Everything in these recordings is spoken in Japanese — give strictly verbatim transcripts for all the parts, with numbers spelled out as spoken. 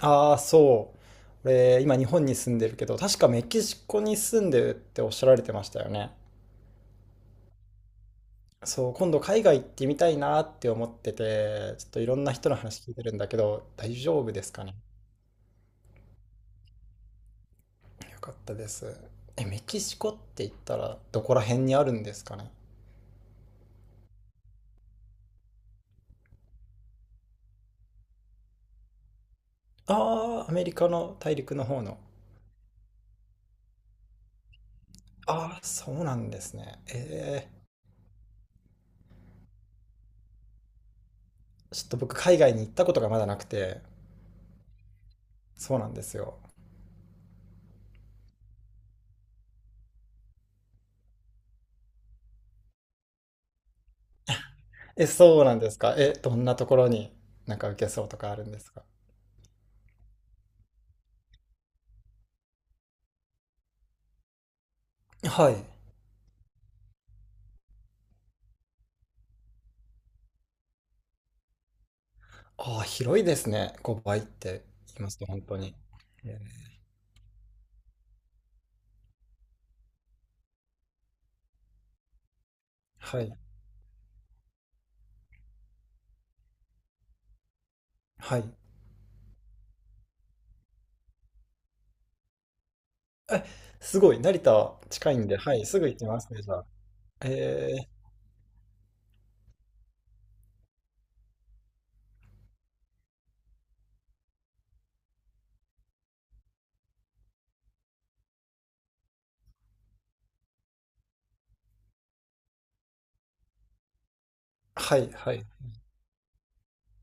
ああ、そう。俺、今日本に住んでるけど、確かメキシコに住んでるっておっしゃられてましたよね。そう、今度海外行ってみたいなって思ってて、ちょっといろんな人の話聞いてるんだけど、大丈夫ですかね。よかったです。え、メキシコって言ったらどこら辺にあるんですかね。ああ、アメリカの大陸の方の。ああ、そうなんですね。ええ、ちょっと僕海外に行ったことがまだなくて、そうなんですよ。え、そうなんですか。え、どんなところになんか受けそうとかあるんですか。はい。ああ、広いですね。ごばいって言いますと本当に。えーはい。はい。すごい、成田近いんで、はい、すぐ行きますね、じゃあ。えー、はい、はい。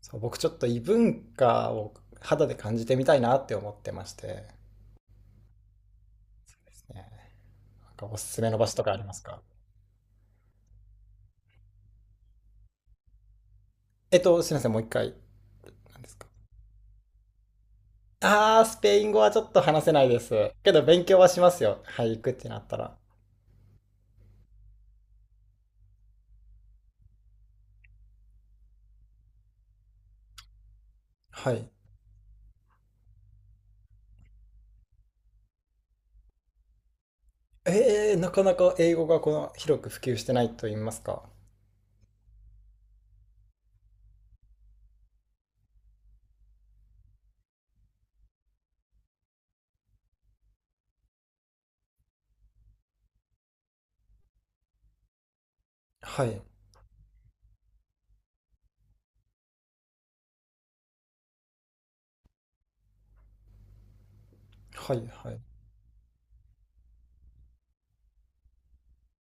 そう、僕ちょっと異文化を肌で感じてみたいなって思ってましてですね。なんかおすすめの場所とかありますか？えっと、すいません、もう一回、何ですか？あー、スペイン語はちょっと話せないです。けど勉強はしますよ。はい、行くってなったら。はい。えー、なかなか英語がこの広く普及してないと言いますか。はい。はい、はい、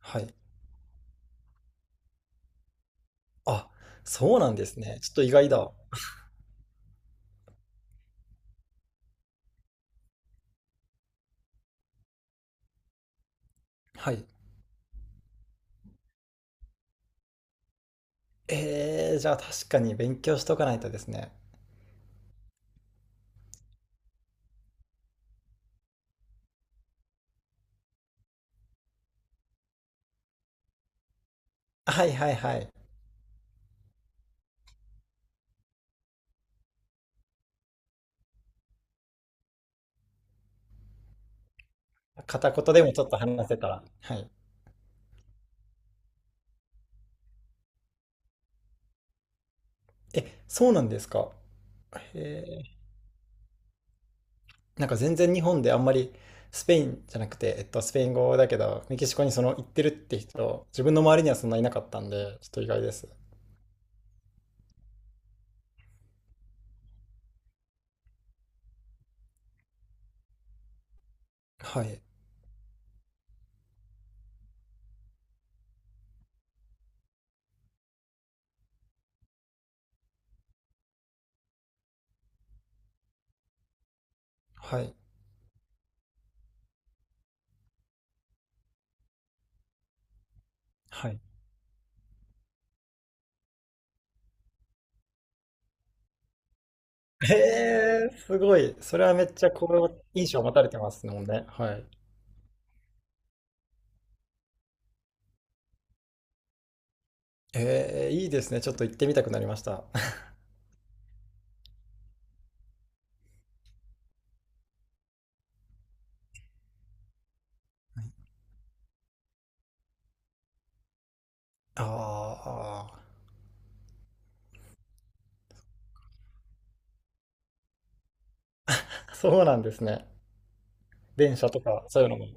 はい。あ、そうなんですね。ちょっと意外だ。はい。えー、じゃあ確かに勉強しとかないとですね。はいはいはい。片言でもちょっと話せたら。はい。え、そうなんですか。へーなんか全然日本であんまりスペインじゃなくて、えっと、スペイン語だけど、メキシコにその行ってるって人、自分の周りにはそんないなかったんで、ちょっと意外です。はい。はい。はい。へえ、すごい。それはめっちゃ好印象を持たれてますもんね。はい。えーいいですね。ちょっと行ってみたくなりました。ああ、そうなんですね。電車とか、そういうのも。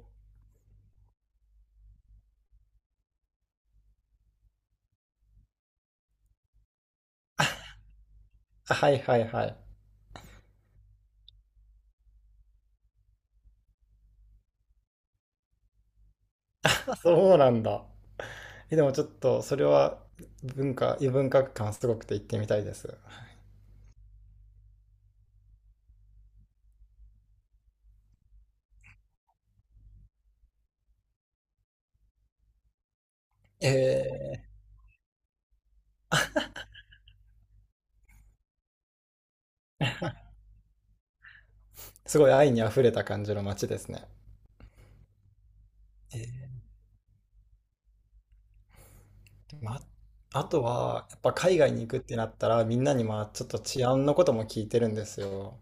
あはいはいはい。あそうなんだ。え、でもちょっと、それは文化、異文化感すごくて行ってみたいです。えーすごい愛にあふれた感じの街ですね。えーま、あとは、やっぱ海外に行くってなったら、みんなにまあちょっと治安のことも聞いてるんですよ。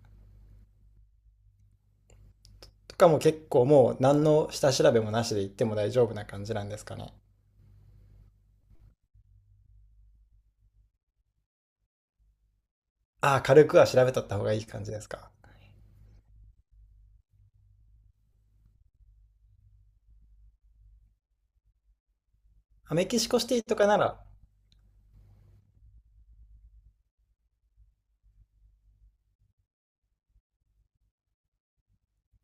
とかも結構もう何の下調べもなしで行っても大丈夫な感じなんですかね。ああ、軽くは調べとった方がいい感じですか。あメキシコシティとかなら、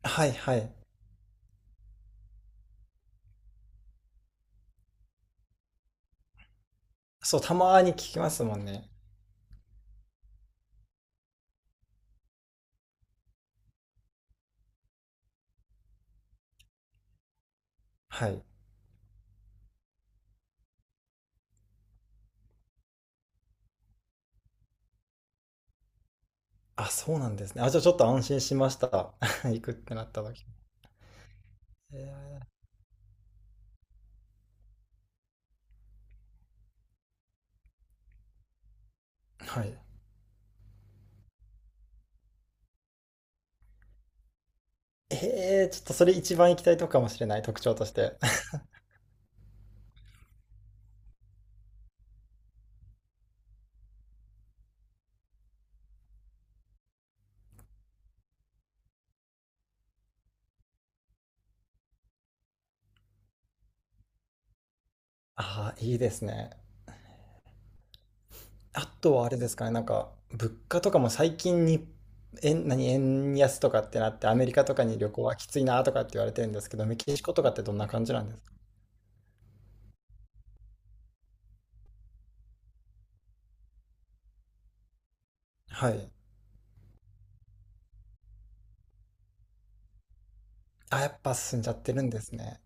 はいはい。そう、たまに聞きますもんね。はい。あ、そうなんですね。あ、じゃあちょっと安心しました。行くってなった時。はい。えー、ちょっとそれ一番行きたいとこかもしれない、特徴として。ああ、いいですね。あとはあれですかね、なんか、物価とかも最近に、円、何、円安とかってなって、アメリカとかに旅行はきついなとかって言われてるんですけど、メキシコとかってどんな感じなんですか？はい。あ、やっぱ進んじゃってるんですね。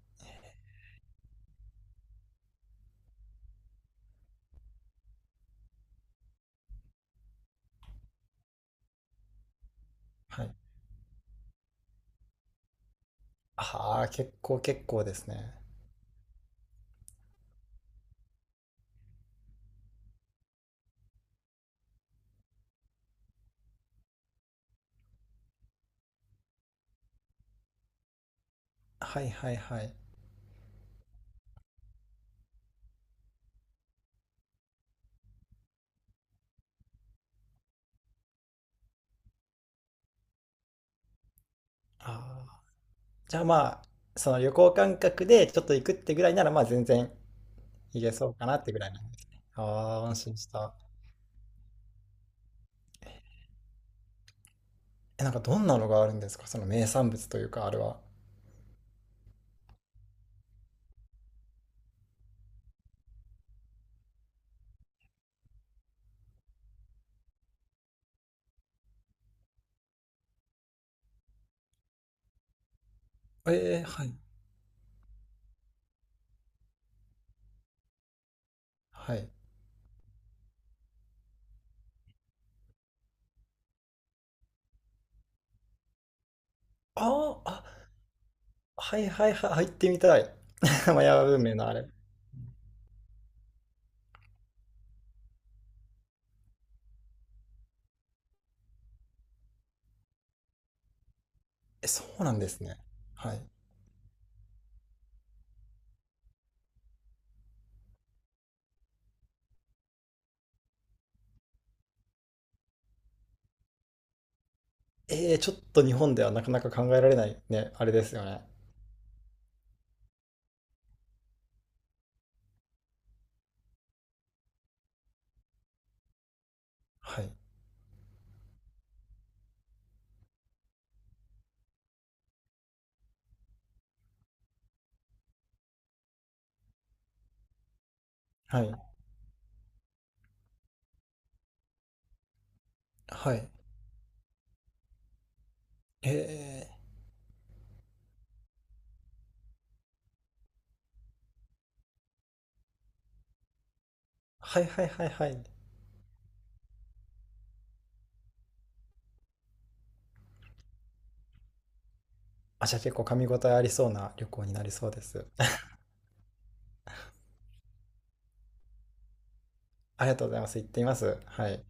はい。ああ、結構結構ですね。はいはいはい。ああ。じゃあまあ、その旅行感覚でちょっと行くってぐらいなら、まあ全然行けそうかなってぐらいなんですね。ああ、安心した。え、なんかどんなのがあるんですかその名産物というか、あれは。ええはい。はい。ああ、あ、はいはいはい、入ってみたい。マヤ文明のあれ。え、そうなんですね。はい。えー、ちょっと日本ではなかなか考えられないね、あれですよね。はい。はい。はい。えー、はいはいはいはい。あ、じゃあ結構噛み応えありそうな旅行になりそうです。ありがとうございます。行ってみます。はい。